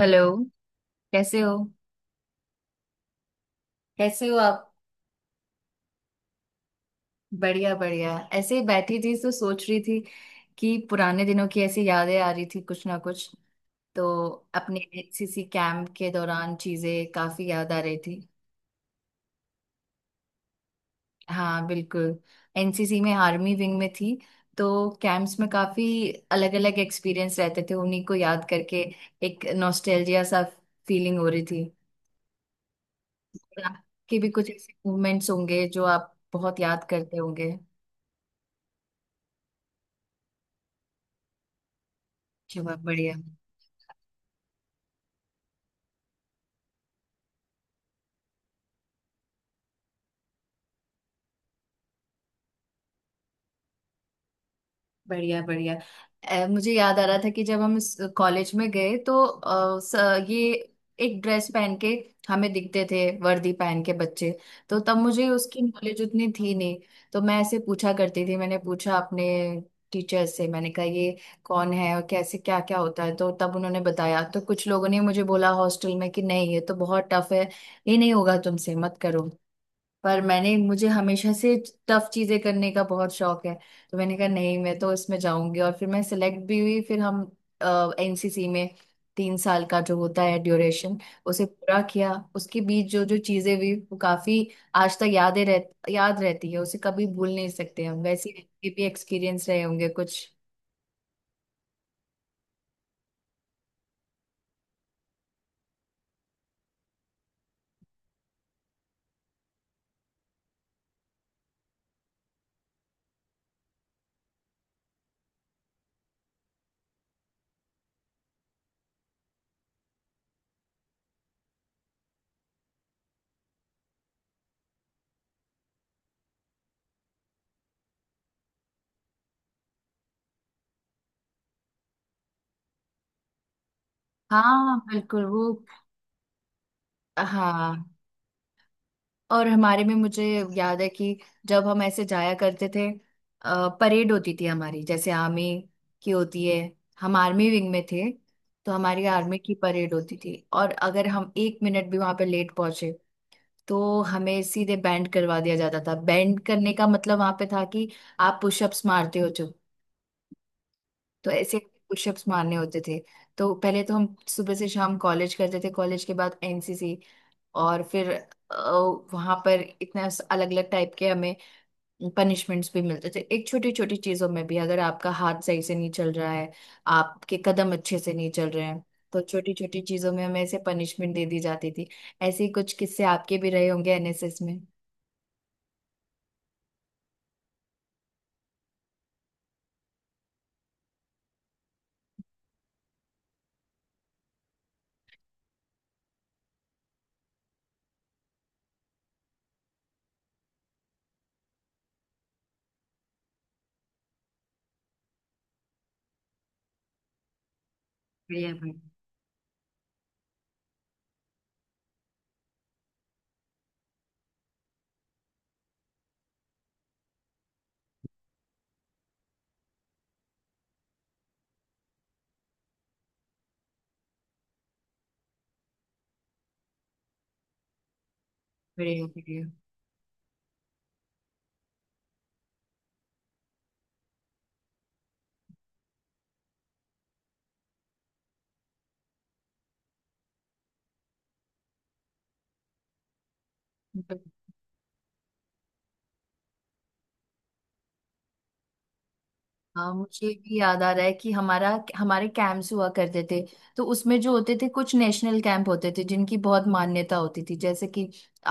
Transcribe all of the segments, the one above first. Hello. कैसे हो? कैसे हो आप? बढ़िया बढ़िया, ऐसे ही बैठी थी तो सोच रही थी कि पुराने दिनों की ऐसी यादें आ रही थी कुछ ना कुछ, तो अपने एनसीसी कैंप के दौरान चीजें काफी याद आ रही थी। हाँ बिल्कुल। एनसीसी में आर्मी विंग में थी, तो कैंप्स में काफी अलग अलग एक्सपीरियंस रहते थे, उन्हीं को याद करके एक नॉस्टैल्जिया सा फीलिंग हो रही थी। और आपके भी कुछ ऐसे मूवमेंट्स होंगे जो आप बहुत याद करते होंगे। चलो बढ़िया। बढ़िया बढ़िया। मुझे याद आ रहा था कि जब हम इस कॉलेज में गए तो ये एक ड्रेस पहन के हमें दिखते थे, वर्दी पहन के बच्चे। तो तब मुझे उसकी नॉलेज उतनी थी नहीं, तो मैं ऐसे पूछा करती थी। मैंने पूछा अपने टीचर से, मैंने कहा ये कौन है और कैसे क्या क्या होता है, तो तब उन्होंने बताया। तो कुछ लोगों ने मुझे बोला हॉस्टल में कि नहीं, ये तो बहुत टफ है, ये नहीं होगा तुमसे, मत करो। पर मैंने, मुझे हमेशा से टफ चीजें करने का बहुत शौक है, तो मैंने कहा नहीं, मैं तो इसमें जाऊंगी। और फिर मैं सिलेक्ट भी हुई, फिर हम एनसीसी में 3 साल का जो होता है ड्यूरेशन उसे पूरा किया। उसके बीच जो जो चीजें हुई वो काफी आज तक यादें रह याद रहती है, उसे कभी भूल नहीं सकते हम। वैसे ही आपके भी एक्सपीरियंस रहे होंगे कुछ। हाँ बिल्कुल। वो हाँ। और हमारे में, मुझे याद है कि जब हम ऐसे जाया करते थे, परेड होती थी हमारी जैसे आर्मी की होती है, हम आर्मी विंग में थे। तो हमारी आर्मी की परेड होती थी, और अगर हम 1 मिनट भी वहां पे लेट पहुंचे तो हमें सीधे बैंड करवा दिया जाता था। बैंड करने का मतलब वहां पे था कि आप पुशअप्स मारते हो जो, तो ऐसे पुशअप्स मारने होते थे। तो पहले तो हम सुबह से शाम कॉलेज करते थे, कॉलेज के बाद एनसीसी, और फिर वहां पर इतना अलग अलग टाइप के हमें पनिशमेंट्स भी मिलते थे। एक छोटी छोटी चीजों में भी, अगर आपका हाथ सही से नहीं चल रहा है, आपके कदम अच्छे से नहीं चल रहे हैं, तो छोटी छोटी चीजों में हमें ऐसे पनिशमेंट दे दी जाती थी। ऐसे ही कुछ किस्से आपके भी रहे होंगे एनएसएस में। बढ़िया भाई। बढ़िया बढ़िया। हाँ मुझे भी याद आ रहा है कि हमारा, हमारे कैंप्स हुआ करते थे, तो उसमें जो होते थे कुछ नेशनल कैंप होते थे जिनकी बहुत मान्यता होती थी, जैसे कि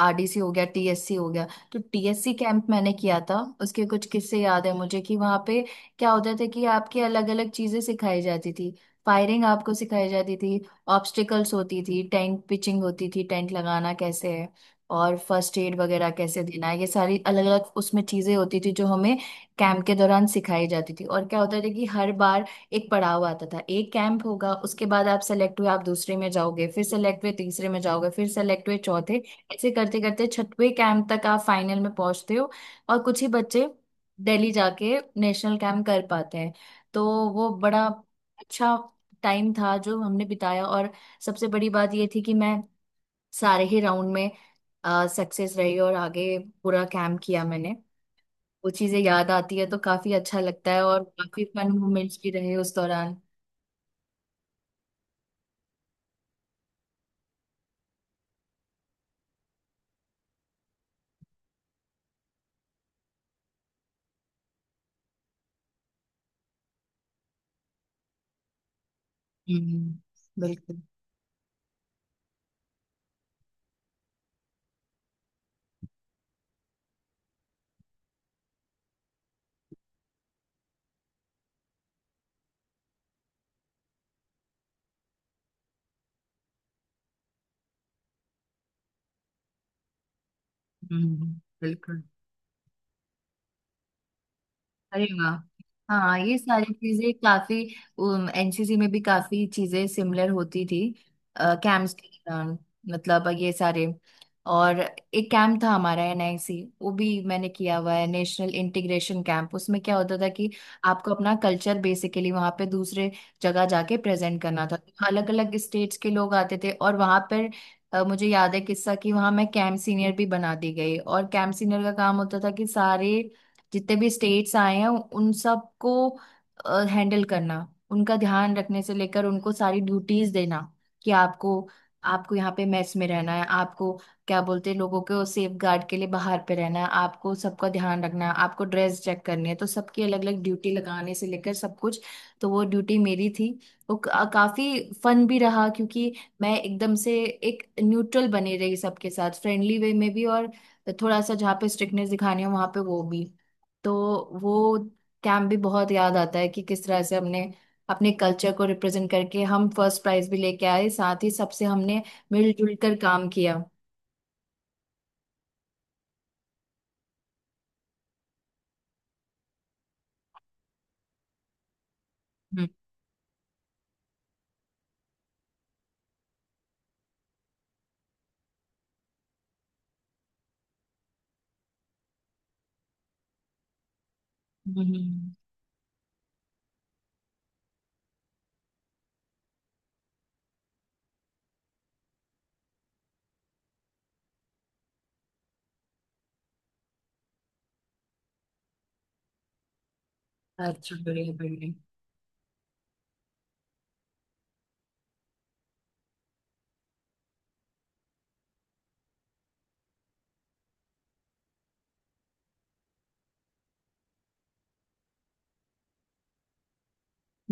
आरडीसी हो गया, टीएससी हो गया। तो टीएससी कैंप मैंने किया था, उसके कुछ किस्से याद है मुझे कि वहाँ पे क्या होता था कि आपकी अलग अलग चीजें सिखाई जाती थी। फायरिंग आपको सिखाई जाती थी, ऑब्स्टिकल्स होती थी, टेंट पिचिंग होती थी, टेंट लगाना कैसे है, और फर्स्ट एड वगैरह कैसे देना है, ये सारी अलग अलग उसमें चीजें होती थी जो हमें कैंप के दौरान सिखाई जाती थी। और क्या होता था कि हर बार एक पड़ाव आता था, एक कैंप होगा उसके बाद आप सेलेक्ट हुए आप दूसरे में जाओगे, फिर सेलेक्ट हुए तीसरे में जाओगे, फिर सेलेक्ट हुए चौथे, ऐसे करते करते छठवें कैंप तक आप फाइनल में पहुंचते हो। और कुछ ही बच्चे दिल्ली जाके नेशनल कैंप कर पाते हैं। तो वो बड़ा अच्छा टाइम था जो हमने बिताया। और सबसे बड़ी बात ये थी कि मैं सारे ही राउंड में सक्सेस रही, और आगे पूरा कैंप किया मैंने। वो चीजें याद आती है तो काफी अच्छा लगता है, और काफी फन मोमेंट्स भी रहे उस दौरान। बिल्कुल। हम्म बिल्कुल। अरे वाह। हाँ ये सारी चीजें काफी एनसीसी में भी काफी चीजें सिमिलर होती थी कैंप्स के दौरान, मतलब ये सारे। और एक कैंप था हमारा एनआईसी, वो भी मैंने किया हुआ है, नेशनल इंटीग्रेशन कैंप। उसमें क्या होता था कि आपको अपना कल्चर बेसिकली वहाँ पे दूसरे जगह जाके प्रेजेंट करना था। अलग अलग स्टेट्स के लोग आते थे, और वहाँ पर मुझे याद है किस्सा कि वहाँ मैं कैंप सीनियर भी बना दी गई। और कैंप सीनियर का काम होता था कि सारे जितने भी स्टेट्स आए हैं उन सबको हैंडल करना, उनका ध्यान रखने से लेकर उनको सारी ड्यूटीज देना, कि आपको, आपको यहाँ पे मेस में रहना है, आपको क्या बोलते हैं लोगों को सेफ गार्ड के लिए बाहर पे रहना है, आपको सबका ध्यान रखना है, आपको ड्रेस चेक करनी है, तो सबकी अलग अलग ड्यूटी लगाने से लेकर सब कुछ। तो वो ड्यूटी मेरी थी। वो काफी फन भी रहा, क्योंकि मैं एकदम से एक न्यूट्रल बनी रही सबके साथ, फ्रेंडली वे में भी, और थोड़ा सा जहाँ पे स्ट्रिक्टनेस दिखानी है वहां पे वो भी। तो वो कैंप भी बहुत याद आता है कि किस तरह से हमने अपने कल्चर को रिप्रेजेंट करके हम फर्स्ट प्राइज भी लेके आए, साथ ही सबसे हमने मिलजुल कर काम किया। हम्म। हम्म। अच्छा बढ़िया बढ़िया।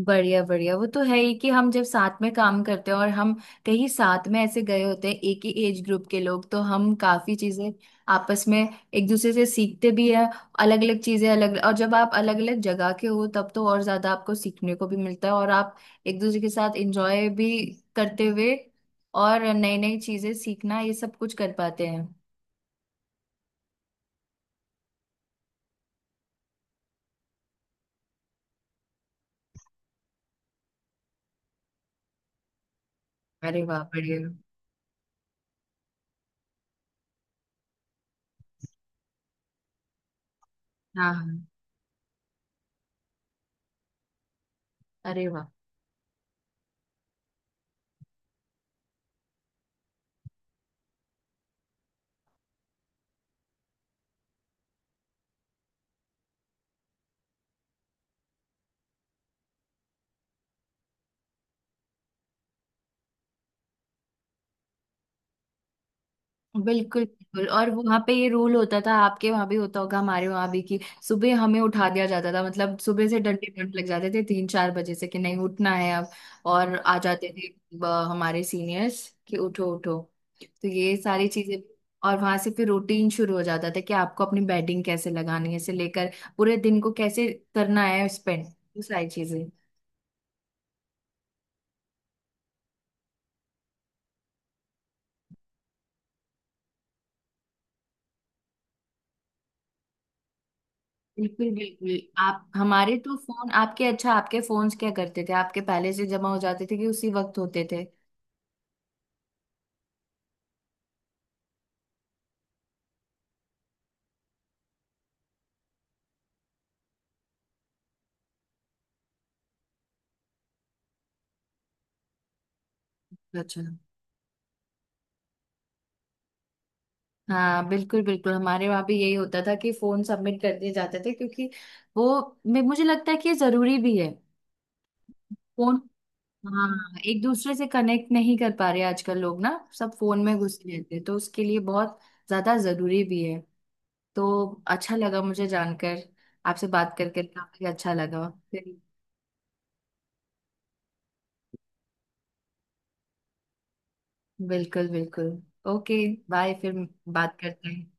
बढ़िया बढ़िया, वो तो है ही कि हम जब साथ में काम करते हैं और हम कहीं साथ में ऐसे गए होते हैं एक ही एज ग्रुप के लोग, तो हम काफी चीजें आपस में एक दूसरे से सीखते भी हैं, अलग अलग चीजें अलग। और जब आप अलग अलग जगह के हो तब तो और ज्यादा आपको सीखने को भी मिलता है, और आप एक दूसरे के साथ एंजॉय भी करते हुए और नई नई चीजें सीखना ये सब कुछ कर पाते हैं। अरे वाह बढ़िया। हाँ हाँ। अरे वाह। बिल्कुल बिल्कुल। और वहां पे ये रूल होता था, आपके वहां भी होता होगा, हमारे वहां भी कि सुबह हमें उठा दिया जाता था। मतलब सुबह से डंडे डंड लग जाते थे 3-4 बजे से, कि नहीं उठना है अब, और आ जाते थे हमारे सीनियर्स कि उठो उठो। तो ये सारी चीजें। और वहां से फिर रूटीन शुरू हो जाता था कि आपको अपनी बैटिंग कैसे लगानी है से लेकर पूरे दिन को कैसे करना है स्पेंड, वो सारी चीजें। बिल्कुल बिल्कुल। आप हमारे तो फोन, आपके, अच्छा आपके फोन्स क्या करते थे आपके, पहले से जमा हो जाते थे कि उसी वक्त होते थे? अच्छा। हाँ बिल्कुल बिल्कुल, हमारे वहाँ भी यही होता था कि फोन सबमिट कर दिए जाते थे, क्योंकि वो मुझे लगता है कि ये जरूरी भी है। फोन, हाँ, एक दूसरे से कनेक्ट नहीं कर पा रहे आजकल लोग ना, सब फोन में घुसे रहते हैं, तो उसके लिए बहुत ज्यादा जरूरी भी है। तो अच्छा लगा मुझे जानकर, आपसे बात करके काफी अच्छा लगा फिर। बिल्कुल बिल्कुल। ओके। बाय फिर। बात करते हैं।